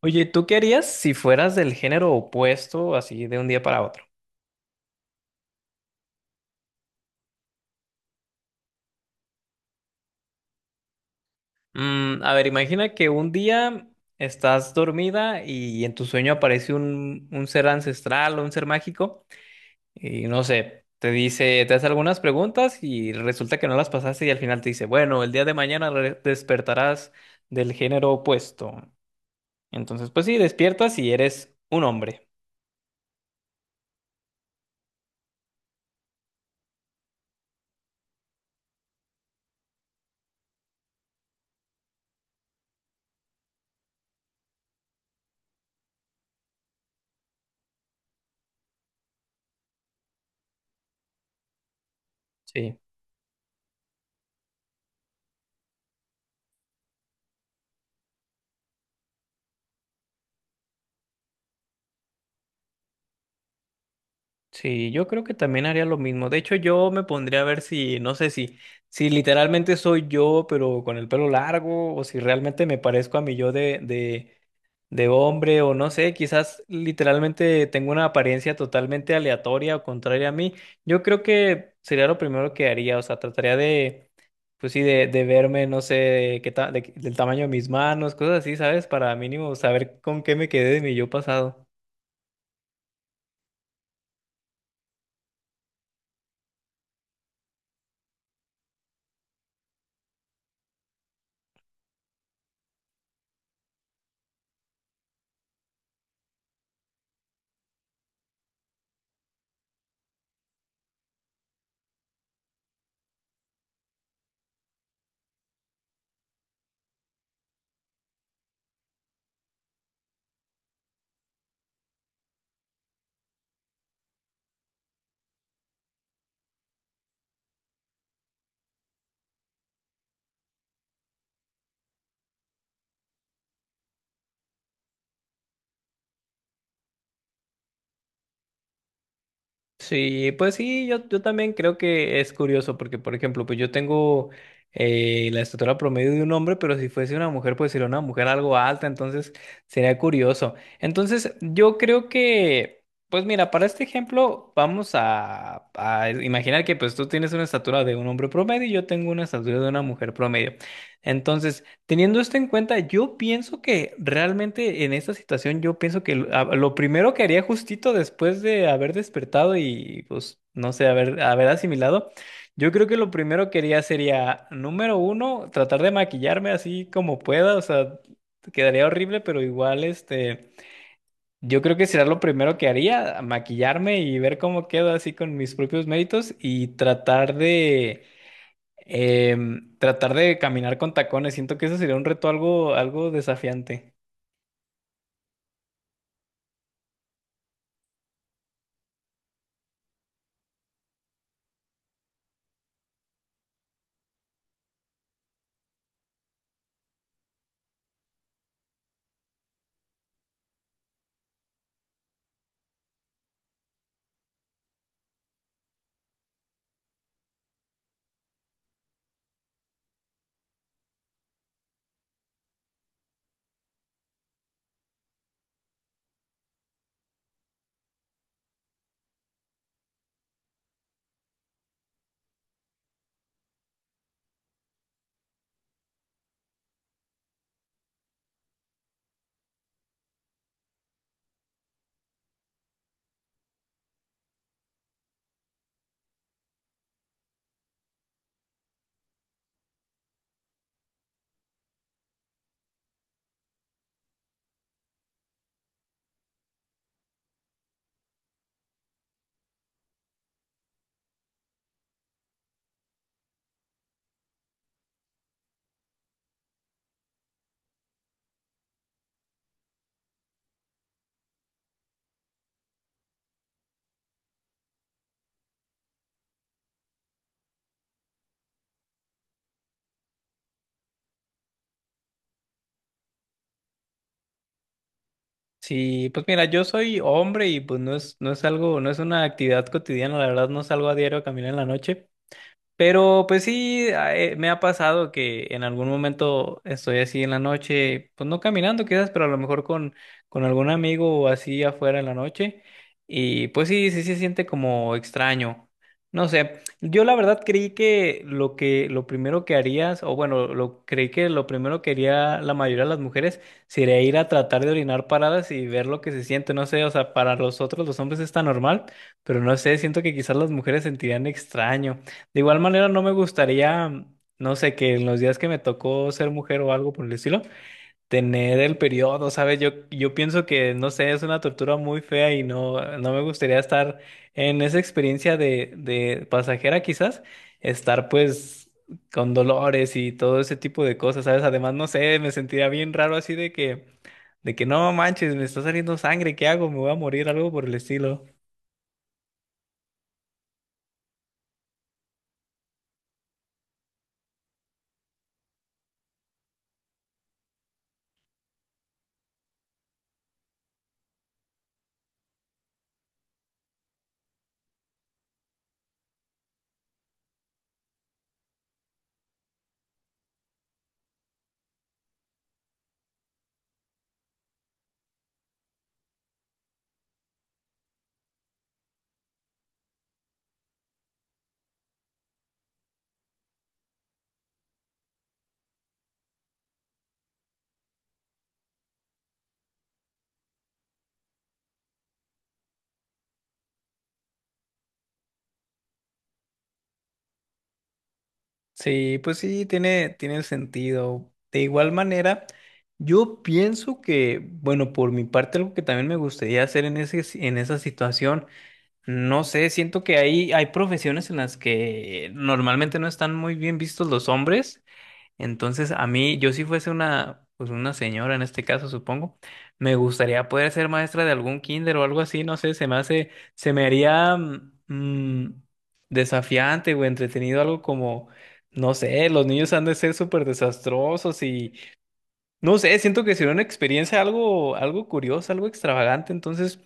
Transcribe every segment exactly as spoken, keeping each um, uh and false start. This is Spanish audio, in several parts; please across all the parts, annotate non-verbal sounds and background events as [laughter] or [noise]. Oye, ¿tú qué harías si fueras del género opuesto, así de un día para otro? Mm, a ver, imagina que un día estás dormida y en tu sueño aparece un, un ser ancestral o un ser mágico y no sé, te dice, te hace algunas preguntas y resulta que no las pasaste y al final te dice, bueno, el día de mañana re- despertarás del género opuesto. Entonces, pues sí, despiertas y eres un hombre. Sí. Sí, yo creo que también haría lo mismo. De hecho, yo me pondría a ver si, no sé si, si literalmente soy yo, pero con el pelo largo, o si realmente me parezco a mi yo de, de, de hombre, o no sé, quizás literalmente tengo una apariencia totalmente aleatoria o contraria a mí. Yo creo que sería lo primero que haría, o sea, trataría de, pues sí, de, de verme, no sé, de qué ta- de- del tamaño de mis manos, cosas así, ¿sabes? Para mínimo saber con qué me quedé de mi yo pasado. Sí, pues sí, yo, yo también creo que es curioso porque, por ejemplo, pues yo tengo eh, la estatura promedio de un hombre, pero si fuese una mujer, pues sería una mujer algo alta, entonces sería curioso. Entonces, yo creo que, pues mira, para este ejemplo, vamos a, a imaginar que pues tú tienes una estatura de un hombre promedio y yo tengo una estatura de una mujer promedio. Entonces, teniendo esto en cuenta, yo pienso que realmente en esta situación, yo pienso que lo a- lo primero que haría justito después de haber despertado y pues no sé, haber, haber asimilado, yo creo que lo primero que haría sería, número uno, tratar de maquillarme así como pueda, o sea, quedaría horrible, pero igual este, yo creo que será lo primero que haría, maquillarme y ver cómo quedo así con mis propios méritos y tratar de... Em, tratar de caminar con tacones, siento que eso sería un reto algo, algo desafiante. Sí, pues mira, yo soy hombre y pues no es, no es, algo, no es una actividad cotidiana, la verdad no salgo a diario a caminar en la noche. Pero pues sí, ah, eh, me ha pasado que en algún momento estoy así en la noche, pues no caminando quizás, pero a lo mejor con, con algún amigo o así afuera en la noche. Y pues sí, sí se siente como extraño. No sé, yo la verdad creí que lo que lo primero que harías, o bueno, lo creí que lo primero que haría la mayoría de las mujeres sería ir a tratar de orinar paradas y ver lo que se siente. No sé, o sea, para los otros los hombres está normal, pero no sé, siento que quizás las mujeres sentirían extraño. De igual manera, no me gustaría, no sé, que en los días que me tocó ser mujer o algo por el estilo, tener el periodo, ¿sabes? Yo, yo pienso que, no sé, es una tortura muy fea y no, no me gustaría estar en esa experiencia de, de pasajera quizás, estar pues con dolores y todo ese tipo de cosas, ¿sabes? Además, no sé, me sentiría bien raro así de que, de que, no manches, me está saliendo sangre, ¿qué hago? Me voy a morir, algo por el estilo. Sí, pues sí, tiene, tiene sentido. De igual manera, yo pienso que, bueno, por mi parte, algo que también me gustaría hacer en ese, en esa situación, no sé, siento que hay, hay profesiones en las que normalmente no están muy bien vistos los hombres. Entonces, a mí, yo si fuese una, pues una señora en este caso, supongo, me gustaría poder ser maestra de algún kinder o algo así, no sé, se me hace, se me haría mm, desafiante o entretenido algo como, no sé, los niños han de ser súper desastrosos y, no sé, siento que sería una experiencia algo, algo curiosa, algo extravagante, entonces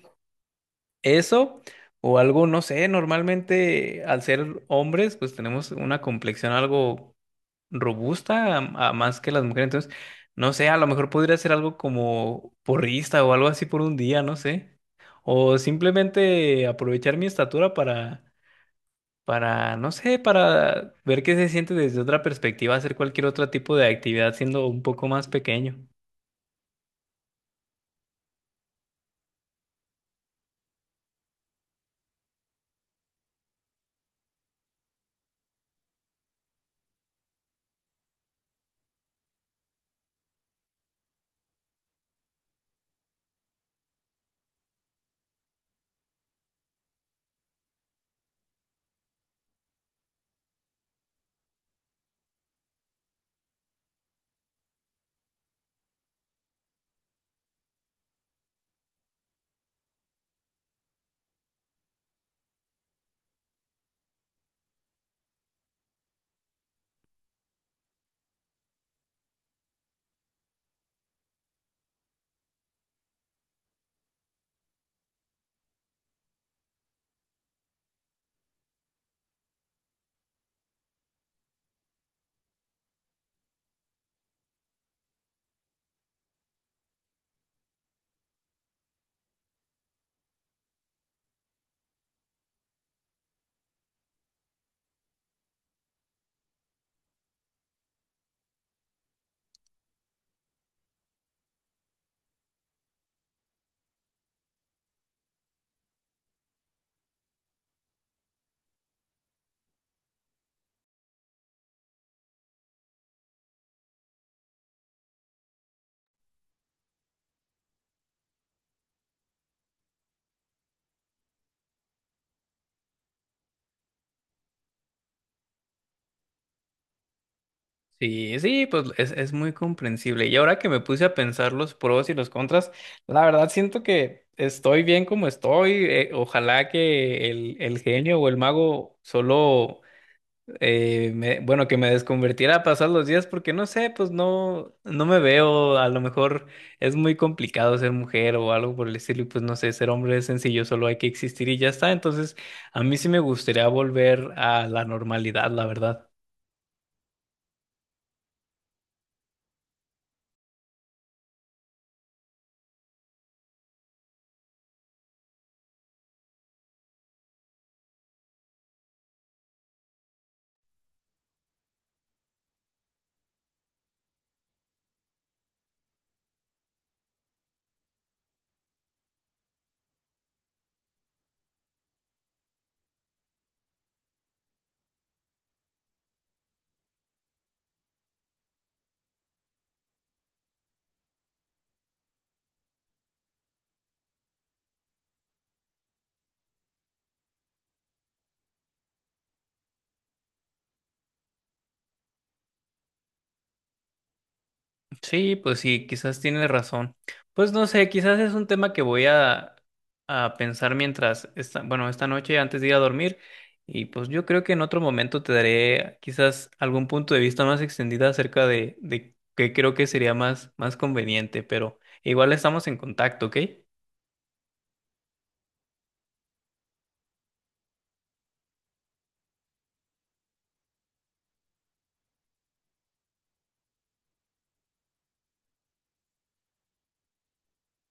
eso o algo, no sé, normalmente al ser hombres, pues tenemos una complexión algo robusta a, a más que las mujeres. Entonces, no sé, a lo mejor podría ser algo como porrista o algo así por un día, no sé. O simplemente aprovechar mi estatura para, para, no sé, para ver qué se siente desde otra perspectiva, hacer cualquier otro tipo de actividad siendo un poco más pequeño. Sí, sí, pues es, es muy comprensible. Y ahora que me puse a pensar los pros y los contras, la verdad siento que estoy bien como estoy. Eh, ojalá que el, el genio o el mago solo, eh, me- bueno, que me desconvertiera a pasar los días, porque no sé, pues no, no me veo. A lo mejor es muy complicado ser mujer o algo por el estilo. Y pues no sé, ser hombre es sencillo, solo hay que existir y ya está. Entonces, a mí sí me gustaría volver a la normalidad, la verdad. Sí, pues sí, quizás tienes razón. Pues no sé, quizás es un tema que voy a, a pensar mientras, esta, bueno, esta noche antes de ir a dormir. Y pues yo creo que en otro momento te daré quizás algún punto de vista más extendido acerca de, de qué creo que sería más, más conveniente, pero igual estamos en contacto, ¿ok?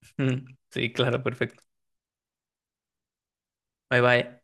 [laughs] Sí, claro, perfecto. Bye bye.